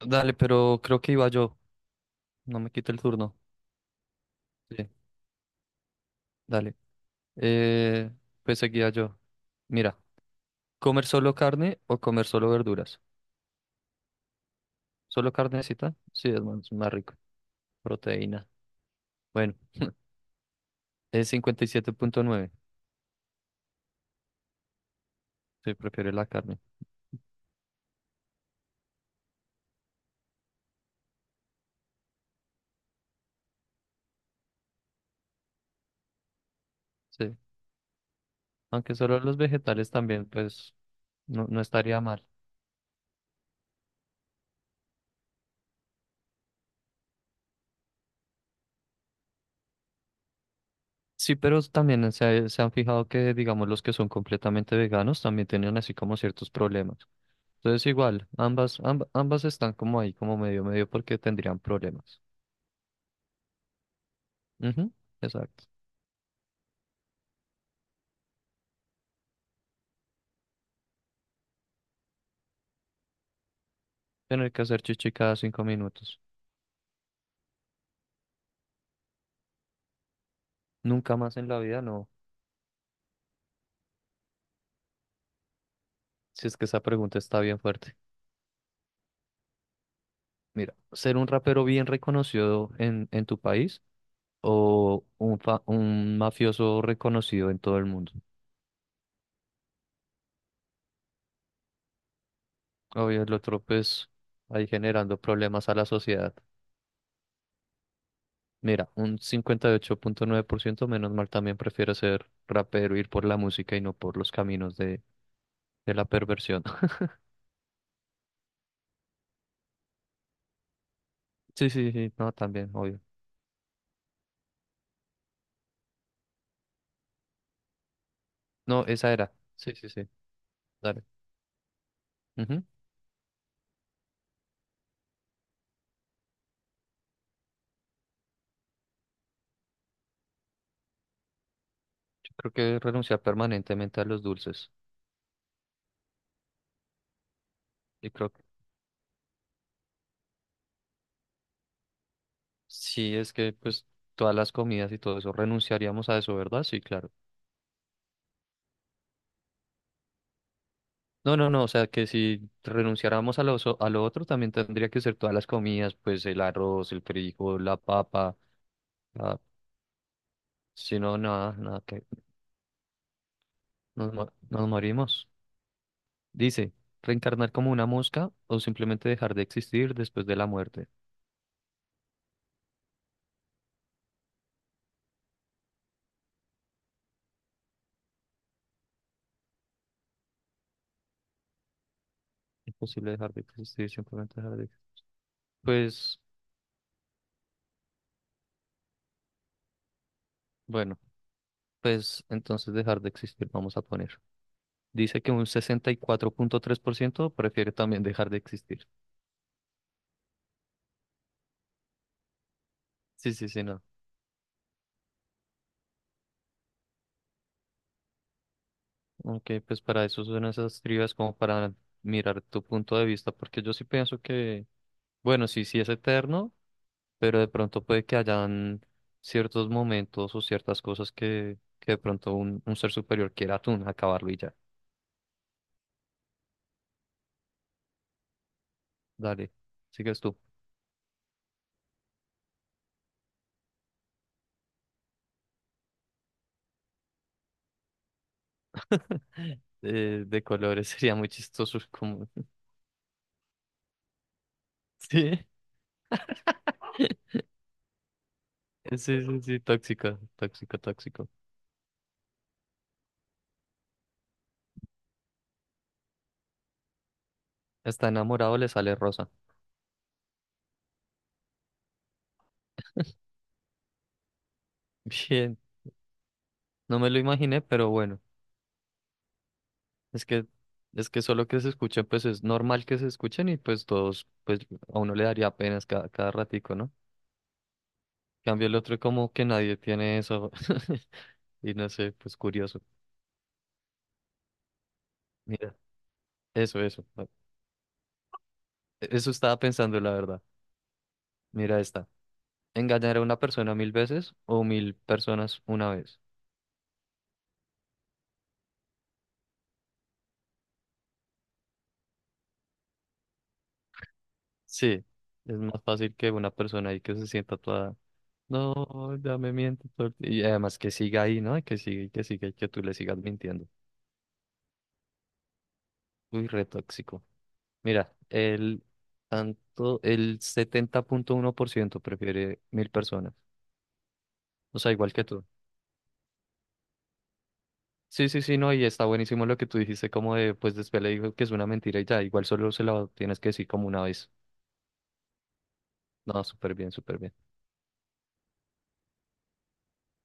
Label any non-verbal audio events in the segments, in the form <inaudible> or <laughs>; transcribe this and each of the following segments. Dale, pero creo que iba yo. No me quita el turno. Sí, dale. Eh, pues seguía yo. Mira, ¿comer solo carne o comer solo verduras? ¿Solo carnecita? Sí, es más rico. Proteína. Bueno, es 57,9. Sí, prefiere la carne. Sí. Aunque solo los vegetales también, pues no estaría mal. Sí, pero también se han fijado que, digamos, los que son completamente veganos también tienen así como ciertos problemas. Entonces igual, ambas, ambas están como ahí, como medio medio porque tendrían problemas. Ujú, exacto. Tener que hacer chichi cada 5 minutos. Nunca más en la vida, no. Si es que esa pregunta está bien fuerte. Mira, ser un rapero bien reconocido en tu país o un mafioso reconocido en todo el mundo. Obvio, el otro pues ahí generando problemas a la sociedad. Mira, un 58,9% menos mal también prefiere ser rapero, ir por la música y no por los caminos de la perversión. <laughs> Sí, sí, sí, no, también, obvio. No, esa era. Sí, sí, sí, dale. Ujú. Yo creo que renunciar permanentemente a los dulces. Y creo que sí, es que pues todas las comidas y todo eso, renunciaríamos a eso, ¿verdad? Sí, claro. No, no, no, o sea que si renunciáramos a lo otro, también tendría que ser todas las comidas, pues el arroz, el frijol, la papa, la- si no, nada, nada, que nos morimos. Dice, reencarnar como una mosca o simplemente dejar de existir después de la muerte. Imposible dejar de existir, simplemente dejar de existir. Pues bueno, pues entonces dejar de existir, vamos a poner. Dice que un 64,3% prefiere también dejar de existir. Sí, sí, sí, no. Ok, pues para eso son esas trivias como para mirar tu punto de vista, porque yo sí pienso que, bueno, sí, sí es eterno, pero de pronto puede que hayan ciertos momentos o ciertas cosas que de pronto un ser superior quiera tú acabarlo y ya. Dale, sigues tú. <laughs> De colores <laughs> sería muy chistoso. Como. <laughs> Sí, sí, sí, sí, tóxico, tóxico, tóxico. Está enamorado, le sale rosa. <laughs> Bien, no me lo imaginé, pero bueno, es que, es que solo que se escuchen, pues es normal que se escuchen y pues todos, pues a uno le daría penas cada ratico, ¿no? En cambio el otro como que nadie tiene eso <laughs> y no sé, pues curioso. Mira, eso, eso. Eso estaba pensando, la verdad. Mira esta. Engañar a una persona 1000 veces o 1000 personas una vez. Sí, es más fácil que una persona ahí que se sienta toda, no, ya me miente todo el ti-". Y además que siga ahí, ¿no? Que siga y que siga y que tú le sigas mintiendo. Uy, re tóxico. Mira, el 70,1% prefiere 1000 personas. O sea, igual que tú. Sí, sí, sí, no, y está buenísimo lo que tú dijiste, como de, pues después le digo que es una mentira y ya, igual solo se la tienes que decir como una vez. No, súper bien, súper bien.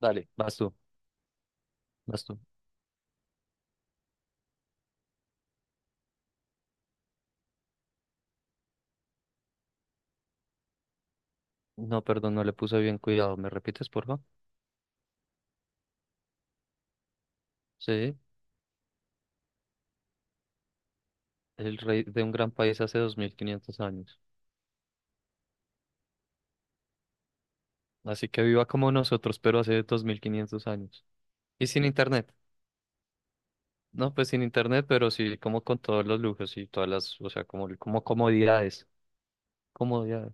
Dale, vas tú, vas tú. No, perdón, no le puse bien cuidado. ¿Me repites, por favor? Sí, el rey de un gran país hace 2500 años. Así que viva como nosotros, pero hace 2500 años. Y sin internet. No, pues sin internet, pero sí, como con todos los lujos y todas las, o sea, como comodidades. Comodidades.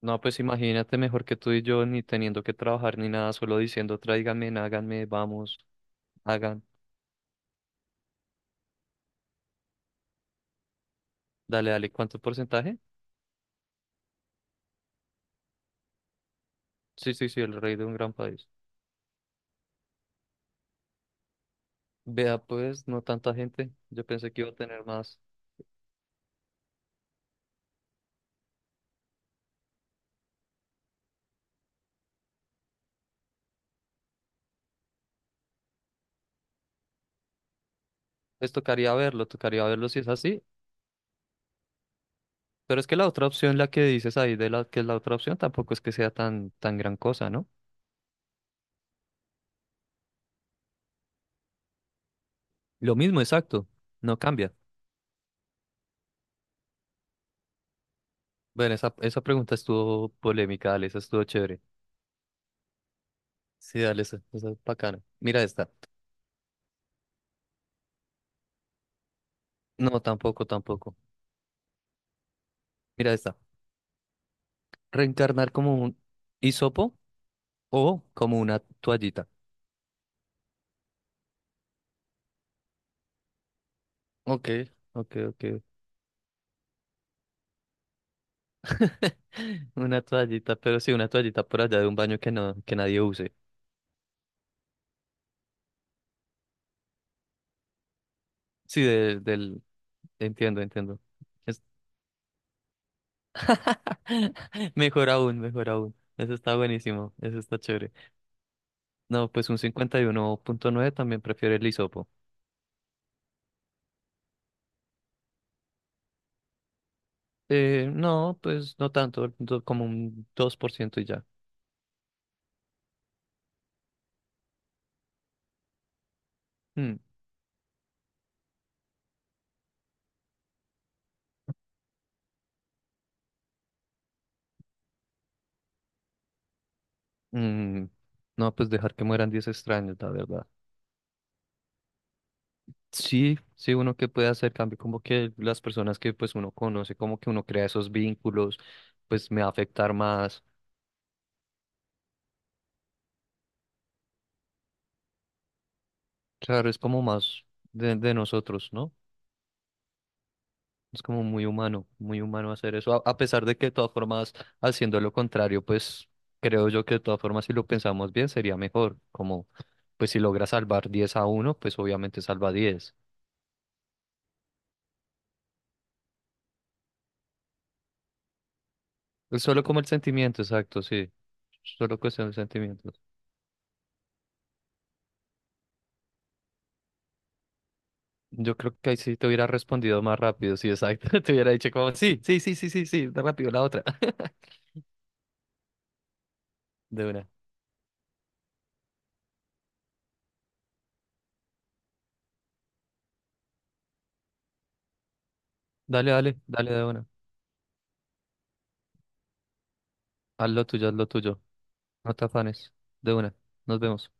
No, pues imagínate mejor que tú y yo, ni teniendo que trabajar ni nada, solo diciendo tráiganme, háganme, vamos, hagan. Dale, dale, ¿cuánto porcentaje? Sí, sí, sí, el rey de un gran país. Vea, pues, no tanta gente. Yo pensé que iba a tener más. Pues tocaría verlo si es así. Pero es que la otra opción, la que dices ahí de la que es la otra opción, tampoco es que sea tan, tan gran cosa, ¿no? Lo mismo, exacto. No cambia. Bueno, esa pregunta estuvo polémica, dale, esa estuvo chévere. Sí, dale, esa es bacana. Mira esta. No, tampoco, tampoco. Mira esta. Reencarnar como un hisopo o como una toallita. Ok, ok, ok. <laughs> Una toallita, pero sí, una toallita por allá de un baño que no, que nadie use. Sí, de- del Entiendo, entiendo. Es- <laughs> Mejor aún, mejor aún. Eso está buenísimo, eso está chévere. No, pues un 51,9 también prefiere el hisopo. No, pues no tanto, como un 2% y ya. Mm, mm, No, pues dejar que mueran 10 extraños, la verdad. Sí, sí, uno que puede hacer cambio, como que las personas que pues uno conoce, como que uno crea esos vínculos, pues me va a afectar más. Claro, es como más de nosotros, ¿no? Es como muy humano hacer eso, a pesar de que de todas formas, haciendo lo contrario, pues creo yo que de todas formas, si lo pensamos bien, sería mejor, como pues si logra salvar 10 a uno pues obviamente salva 10. Es solo como el sentimiento, exacto, sí, solo cuestión de sentimientos. Yo creo que ahí sí te hubiera respondido más rápido, sí, exacto, <laughs> te hubiera dicho como, sí, sí, sí, sí, sí, sí, da rápido la otra, <laughs> de una. Dale, dale, dale de una. Haz lo tuyo, no te afanes, de una, nos vemos.